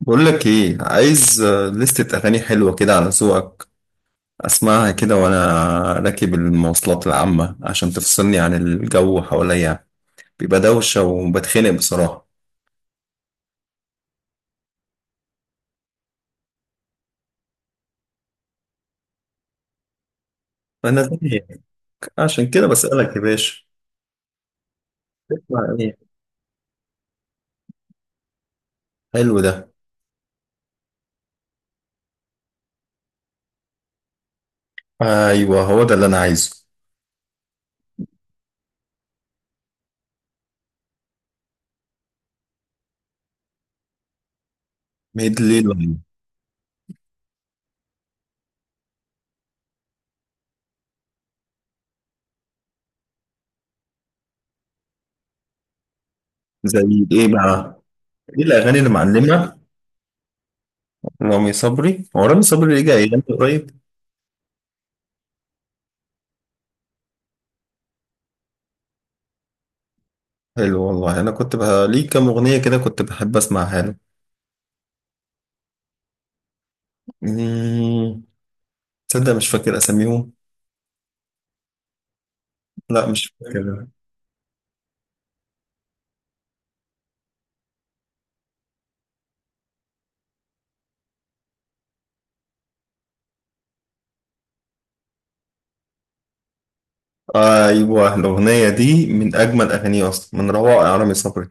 بقول لك ايه، عايز لستة اغاني حلوة كده على ذوقك، اسمعها كده وانا راكب المواصلات العامة، عشان تفصلني عن الجو حواليا. بيبقى دوشة وبتخنق بصراحة. فانا زيك، عشان كده بسألك يا باشا. اسمع ايه؟ حلو ده. ايوه، هو ده اللي انا عايزه. ميد ليل؟ زي ايه بقى؟ ايه الاغاني اللي معلمة؟ رامي صبري، هو رامي صبري رجع يغني قريب؟ حلو والله. انا كنت بقى ليه كام اغنية كده كنت بحب اسمعها له. مم. تصدق مش فاكر اساميهم. لا مش فاكر. ايوه، الاغنيه دي من اجمل اغانيه اصلا، من روائع رامي صبري.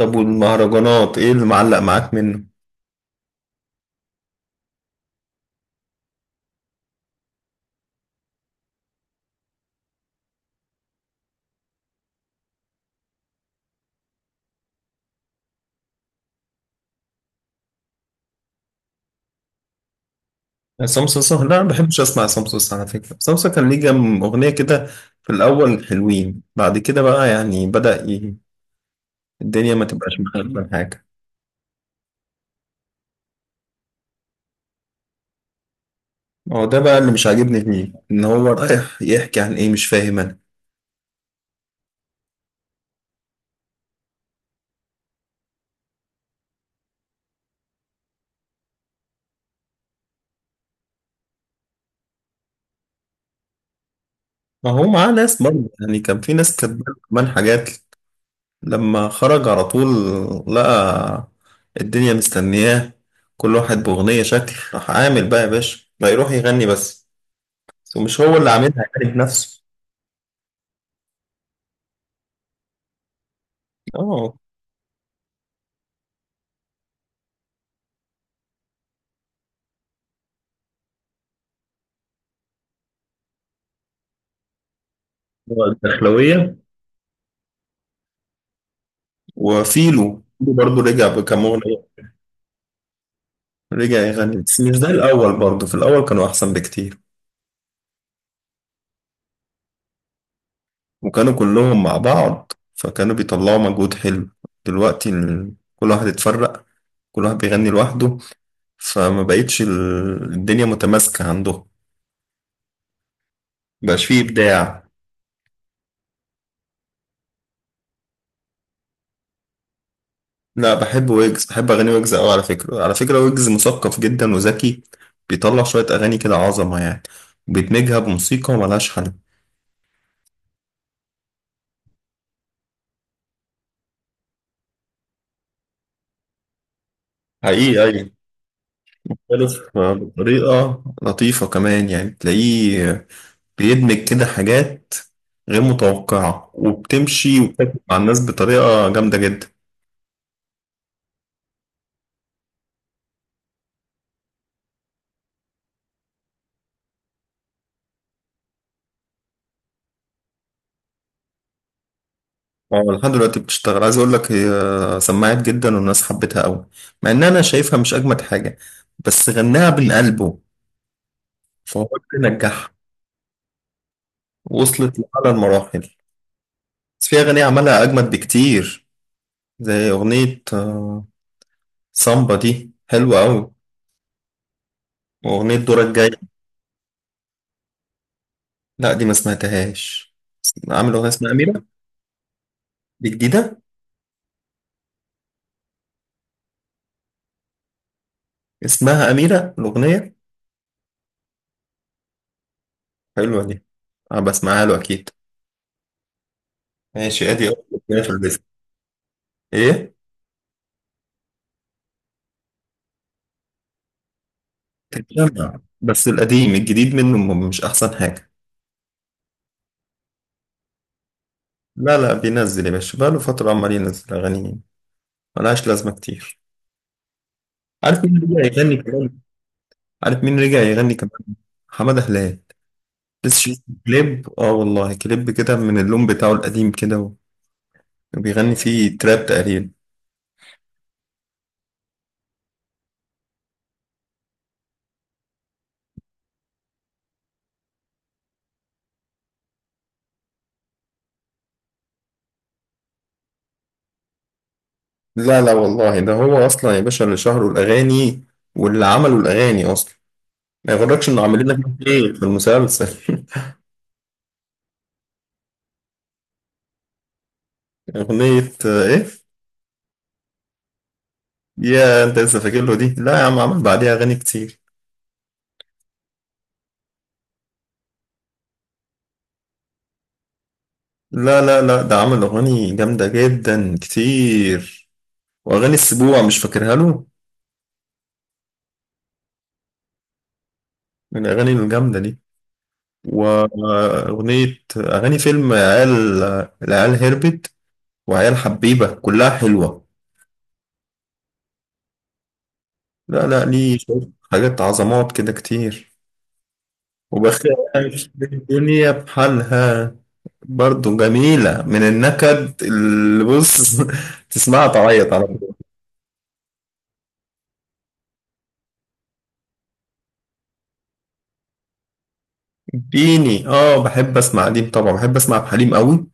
طب والمهرجانات ايه اللي معلق معاك منه؟ عصام صاصا؟ لا، ما بحبش اسمع عصام صاصا. على فكره عصام صاصا كان ليه كام اغنيه كده في الاول حلوين، بعد كده بقى يعني الدنيا ما تبقاش مخالفه حاجه. هو ده بقى اللي مش عاجبني فيه، ان هو رايح يحكي عن ايه مش فاهم انا. ما هو معاه ناس برضه يعني، كان في ناس كاتبه له كمان حاجات. لما خرج على طول لقى الدنيا مستنياه، كل واحد بأغنية، شكل راح عامل بقى يا باشا بقى يروح يغني بس. ومش هو اللي عاملها يعني بنفسه. اه. هو الدخلوية. وفيلو برضه رجع بكام أغنية، رجع يغني بس مش زي الأول، برضه في الأول كانوا أحسن بكتير وكانوا كلهم مع بعض، فكانوا بيطلعوا مجهود حلو. دلوقتي كل واحد اتفرق، كل واحد بيغني لوحده، فما بقتش الدنيا متماسكة عندهم. مبقاش فيه إبداع. لا، بحب ويجز، بحب أغاني ويجز أوي. على فكرة، ويجز مثقف جدا وذكي، بيطلع شوية أغاني كده عظمة يعني، وبيدمجها بموسيقى ملهاش حل. حقيقي أيوة. مختلف بطريقة لطيفة كمان، يعني تلاقيه بيدمج كده حاجات غير متوقعة، وبتمشي وبتاكل مع الناس بطريقة جامدة جدا. اه لحد دلوقتي بتشتغل. عايز اقول لك، هي سمعت جدا والناس حبتها قوي، مع ان انا شايفها مش اجمد حاجة، بس غناها من قلبه، فهو اللي نجحها، وصلت لأعلى المراحل. بس في أغاني عملها أجمد بكتير، زي أغنية سامبا دي حلوة أوي، وأغنية دورك الجاي. لا دي ما سمعتهاش. عامل أغنية اسمها أميرة؟ دي جديدة. اسمها أميرة الأغنية؟ حلوة دي، أنا بسمعها له أكيد. ماشي، أدي أول أغنية في البيت. إيه؟ تتجمع، بس القديم الجديد منه مش أحسن حاجة. لا لا، بينزل يا باشا، بقاله فترة عمال ينزل أغاني ملهاش لازمة كتير. عارف مين اللي بيغني كمان؟ عارف مين رجع يغني كمان؟ حمادة هلال. لسه شايف كليب، اه والله كليب كده من اللون بتاعه القديم كده بيغني فيه تراب تقريبا. لا لا والله، ده هو اصلا يا باشا اللي شهره الاغاني واللي عملوا الاغاني اصلا، ما يغركش انه عاملين لك ايه في المسلسل. اغنية ايه. يا انت لسه فاكر له دي، لا يا عم عمل بعديها اغاني كتير. لا لا لا، ده عمل اغاني جامدة جدا كتير، واغاني السبوع مش فاكرها له؟ من الاغاني الجامدة دي، وأغنية أغاني فيلم عيال، العيال هربت، وعيال حبيبة، كلها حلوة. لا لا، ليه شوية حاجات عظمات كده كتير. وبخاف الدنيا بحالها، برضو جميلة من النكد اللي بص تسمعها تعيط على طول. ديني اه، بحب اسمع قديم طبعا، بحب اسمع حليم قوي.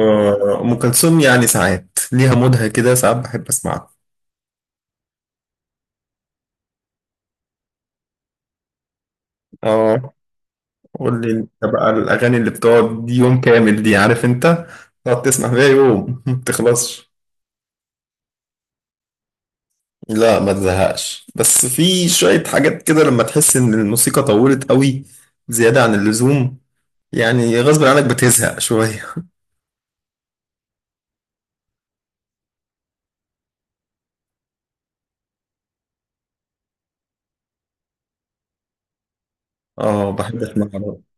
أم كلثوم يعني ساعات ليها مودها كده، ساعات بحب اسمعها. اه. قول لي انت بقى، الاغاني اللي بتقعد دي يوم كامل دي عارف انت، تقعد تسمع فيها يوم ما بتخلصش. لا ما تزهقش، بس في شوية حاجات كده لما تحس ان الموسيقى طولت قوي زيادة عن اللزوم، يعني غصب عنك بتزهق شوية. اه بحب اسمع برضه.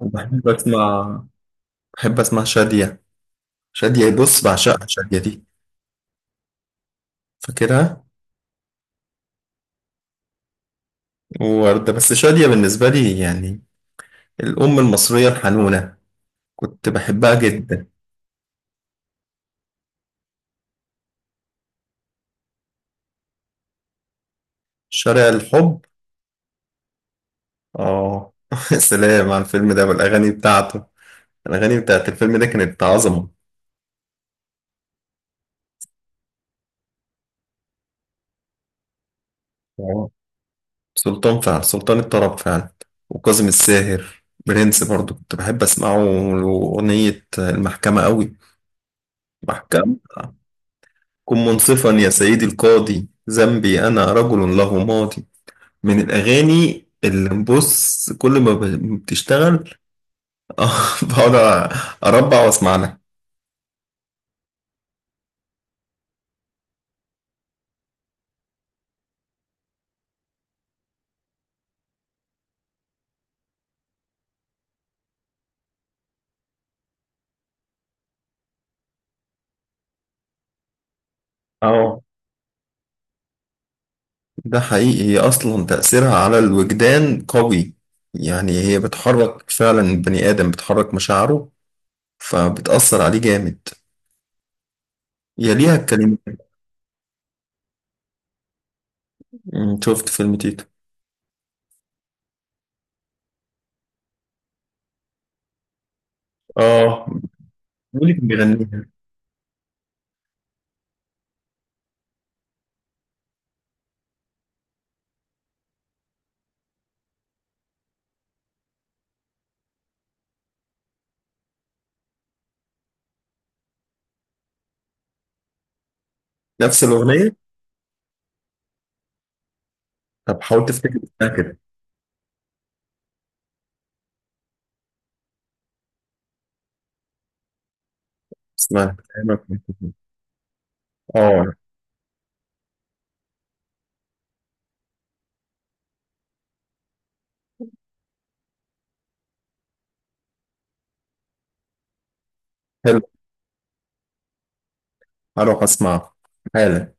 بحب اسمع بحب اسمع شادية. شادية بص، بعشقها شادية دي، فاكرها، ووردة. بس شادية بالنسبة لي يعني الأم المصرية الحنونة، كنت بحبها جدا. شارع الحب، اه سلام على الفيلم ده والاغاني بتاعته، الاغاني بتاعت الفيلم ده كانت عظمه. اه، سلطان فعلا، سلطان الطرب فعلا. وكاظم الساهر برنس، برضو كنت بحب اسمعه له. اغنيه المحكمه قوي، محكمه، كن منصفا يا سيدي القاضي، ذنبي انا رجل له ماضي، من الاغاني اللي بص كل ما بتشتغل آه، بقعد اربع واسمع لها. اه ده حقيقي، هي أصلا تأثيرها على الوجدان قوي، يعني هي بتحرك فعلا البني آدم، بتحرك مشاعره، فبتأثر عليه جامد، يليها الكلمات. شفت فيلم تيتو. اه، مين اللي كان بيغنيها؟ نفس الأغنية؟ طب حاول تفتكر اسمها كده. اسمها كلامك من كتير. اه حلو، هروح أسمعها حالا.